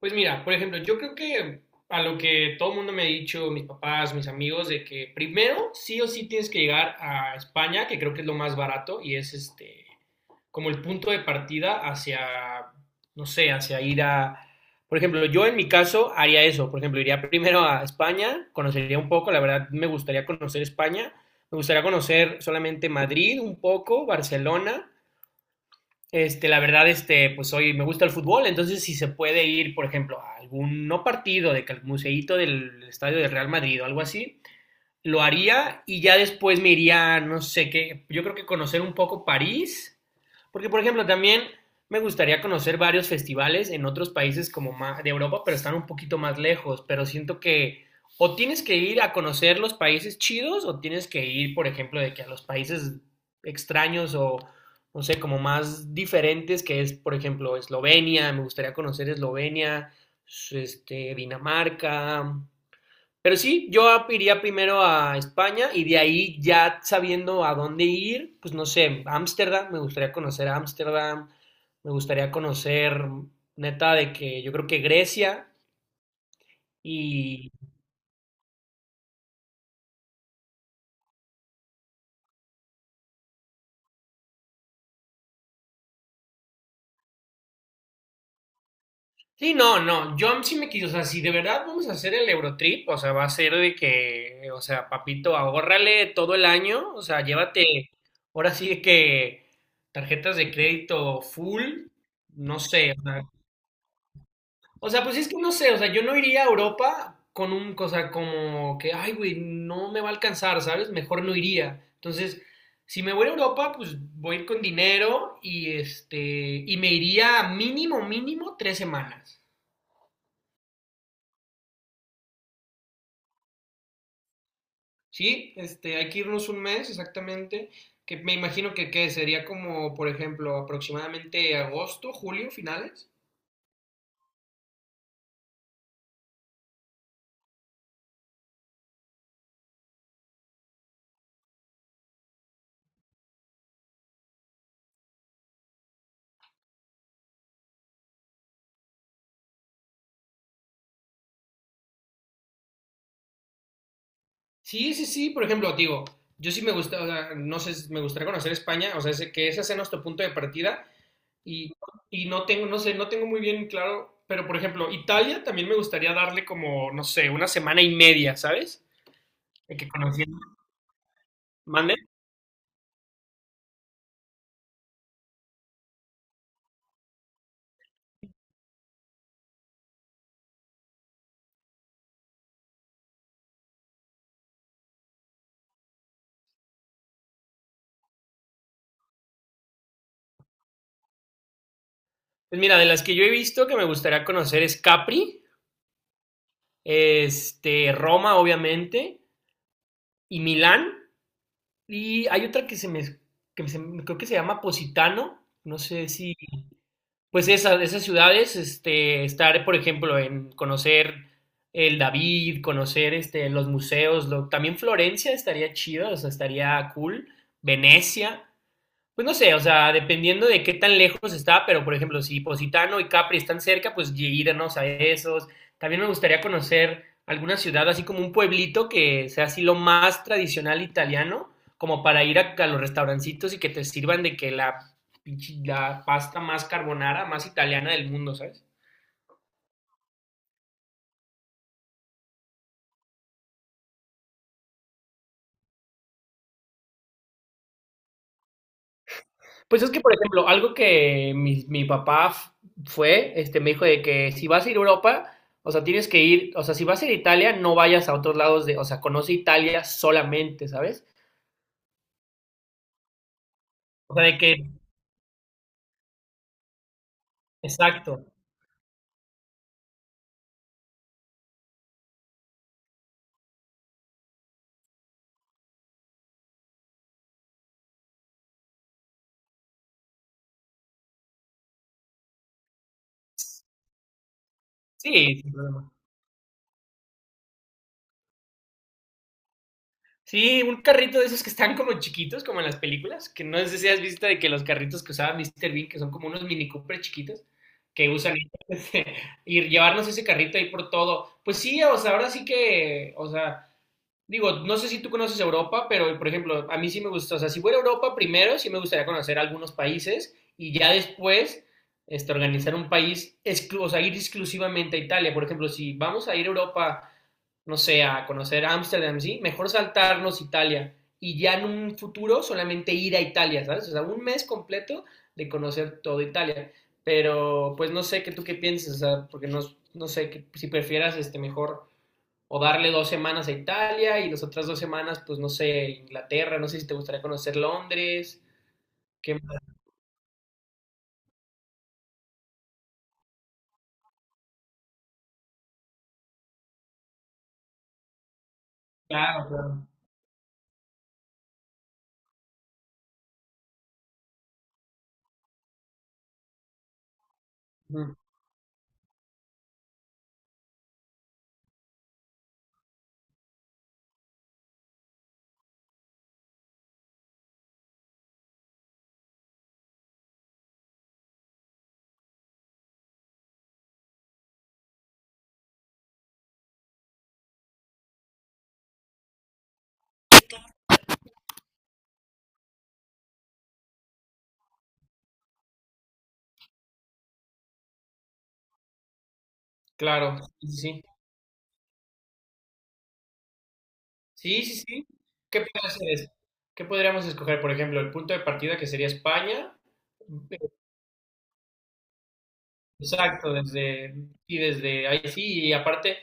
Pues mira, por ejemplo, yo creo que a lo que todo el mundo me ha dicho, mis papás, mis amigos, de que primero sí o sí tienes que llegar a España, que creo que es lo más barato y es como el punto de partida hacia, no sé, hacia ir a, por ejemplo, yo en mi caso haría eso, por ejemplo, iría primero a España, conocería un poco, la verdad me gustaría conocer España, me gustaría conocer solamente Madrid un poco, Barcelona. La verdad, pues hoy me gusta el fútbol, entonces si se puede ir, por ejemplo, a algún no partido de que al museíto del estadio del Real Madrid o algo así, lo haría y ya después me iría, no sé qué, yo creo que conocer un poco París, porque por ejemplo también me gustaría conocer varios festivales en otros países como de Europa, pero están un poquito más lejos, pero siento que o tienes que ir a conocer los países chidos o tienes que ir, por ejemplo, de que a los países extraños o no sé, como más diferentes, que es, por ejemplo, Eslovenia, me gustaría conocer Eslovenia, Dinamarca, pero sí, yo iría primero a España y de ahí ya sabiendo a dónde ir, pues no sé, Ámsterdam, me gustaría conocer Ámsterdam, me gustaría conocer, neta, de que yo creo que Grecia y... Sí, no, no, yo sí me quiso, o sea, si de verdad vamos a hacer el Eurotrip, o sea, va a ser de que, o sea, papito, ahórrale todo el año, o sea, llévate, ahora sí de que tarjetas de crédito full, no sé. O sea, pues es que no sé, o sea, yo no iría a Europa con un cosa como que, ay, güey, no me va a alcanzar, ¿sabes? Mejor no iría. Entonces, si me voy a Europa, pues voy a ir con dinero y y me iría mínimo, mínimo 3 semanas. ¿Sí? Hay que irnos un mes exactamente, que me imagino que, ¿qué? Sería como, por ejemplo, aproximadamente agosto, julio, finales. Sí, sí, sí, por ejemplo, digo, yo sí me gusta, o sea, no sé, me gustaría conocer España, o sea, sé que ese sea nuestro punto de partida. Y no tengo, no sé, no tengo muy bien claro, pero por ejemplo, Italia también me gustaría darle como, no sé, una semana y media, ¿sabes? De que conociendo. ¿Mande? Pues mira, de las que yo he visto que me gustaría conocer es Capri, Roma, obviamente, y Milán. Y hay otra que se me, creo que se llama Positano, no sé si pues esas, ciudades, estar, por ejemplo, en conocer el David, conocer los museos, también Florencia estaría chido, o sea, estaría cool, Venecia, pues no sé, o sea, dependiendo de qué tan lejos está, pero por ejemplo, si Positano y Capri están cerca, pues irnos a esos. También me gustaría conocer alguna ciudad, así como un pueblito que sea así lo más tradicional italiano, como para ir a los restaurancitos y que te sirvan de que la pasta más carbonara, más italiana del mundo, ¿sabes? Pues es que, por ejemplo, algo que mi papá fue, me dijo de que si vas a ir a Europa, o sea, tienes que ir, o sea, si vas a ir a Italia, no vayas a otros lados de, o sea, conoce Italia solamente, ¿sabes? O sea, de que, exacto, sí, sin problema. Sí, un carrito de esos que están como chiquitos, como en las películas, que no sé si has visto de que los carritos que usaba Mr. Bean, que son como unos Mini Cooper chiquitos, que usan y llevarnos ese carrito ahí por todo. Pues sí, o sea, ahora sí que, o sea... Digo, no sé si tú conoces Europa, pero por ejemplo, a mí sí me gusta, o sea, si fuera a Europa primero, sí me gustaría conocer algunos países y ya después organizar un país, o sea, ir exclusivamente a Italia. Por ejemplo, si vamos a ir a Europa, no sé, a conocer Ámsterdam, sí, mejor saltarnos Italia y ya en un futuro solamente ir a Italia, ¿sabes? O sea, un mes completo de conocer todo Italia. Pero pues no sé qué tú qué piensas, o sea, porque no, no sé si prefieras mejor o darle 2 semanas a Italia y las otras 2 semanas, pues no sé, Inglaterra, no sé si te gustaría conocer Londres, qué más. Claro, claro. Ujú. Claro, sí, sí. Sí, sí, sí. ¿Qué podría hacer es- ¿Qué podríamos escoger? Por ejemplo, el punto de partida que sería España. Exacto, y desde ahí sí, y aparte,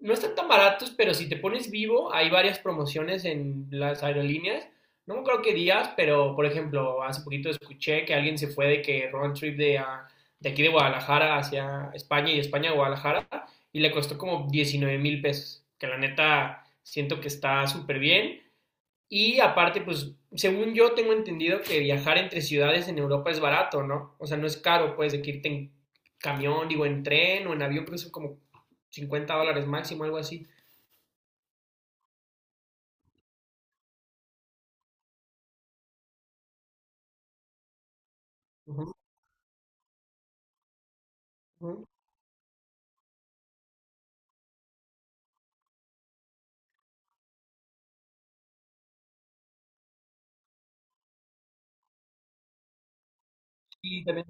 no están tan baratos, pero si te pones vivo, hay varias promociones en las aerolíneas. No me acuerdo qué días, pero por ejemplo, hace poquito escuché que alguien se fue de que round trip de aquí de Guadalajara hacia España y de España a Guadalajara y le costó como 19,000 pesos, que la neta siento que está súper bien. Y aparte, pues, según yo tengo entendido que viajar entre ciudades en Europa es barato, ¿no? O sea, no es caro, pues, de que irte en camión, digo, en tren o en avión, pero son como 50 dólares máximo, algo así. Ujú, ujú. Y también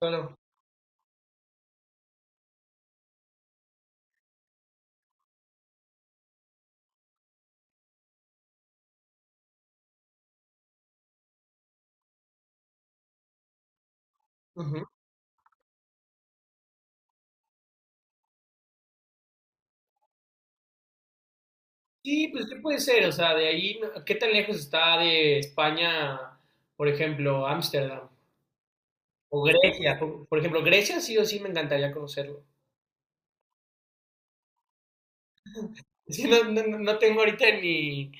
claro. Ujú. Sí, pues, ¿qué puede ser? O sea, de ahí, ¿qué tan lejos está de España, por ejemplo, Ámsterdam? O Grecia, por ejemplo, Grecia sí o sí me encantaría conocerlo. Sí, no, no tengo ahorita ni,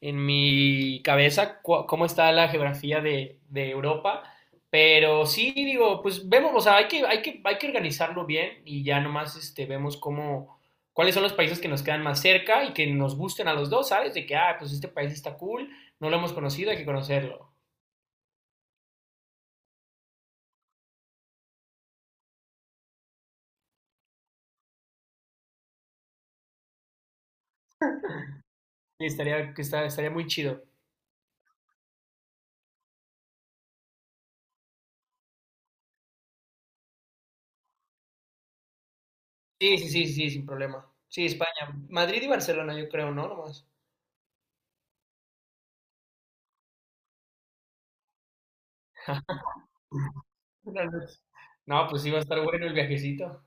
en mi cabeza cómo está la geografía de Europa. Pero sí, digo, pues vemos, o sea, hay que organizarlo bien y ya nomás vemos cómo, cuáles son los países que nos quedan más cerca y que nos gusten a los dos, ¿sabes? De que, pues este país está cool, no lo hemos conocido, hay que conocerlo. Y estaría muy chido. Sí, sí, sí, sí, sin problema. Sí, España. Madrid y Barcelona, yo creo, ¿no? Nomás. No, pues sí va a estar bueno el viajecito.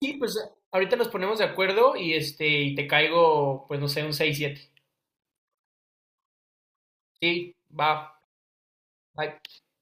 Sí, pues ahorita nos ponemos de acuerdo y y te caigo, pues no sé, un seis siete. Sí, va. Bye.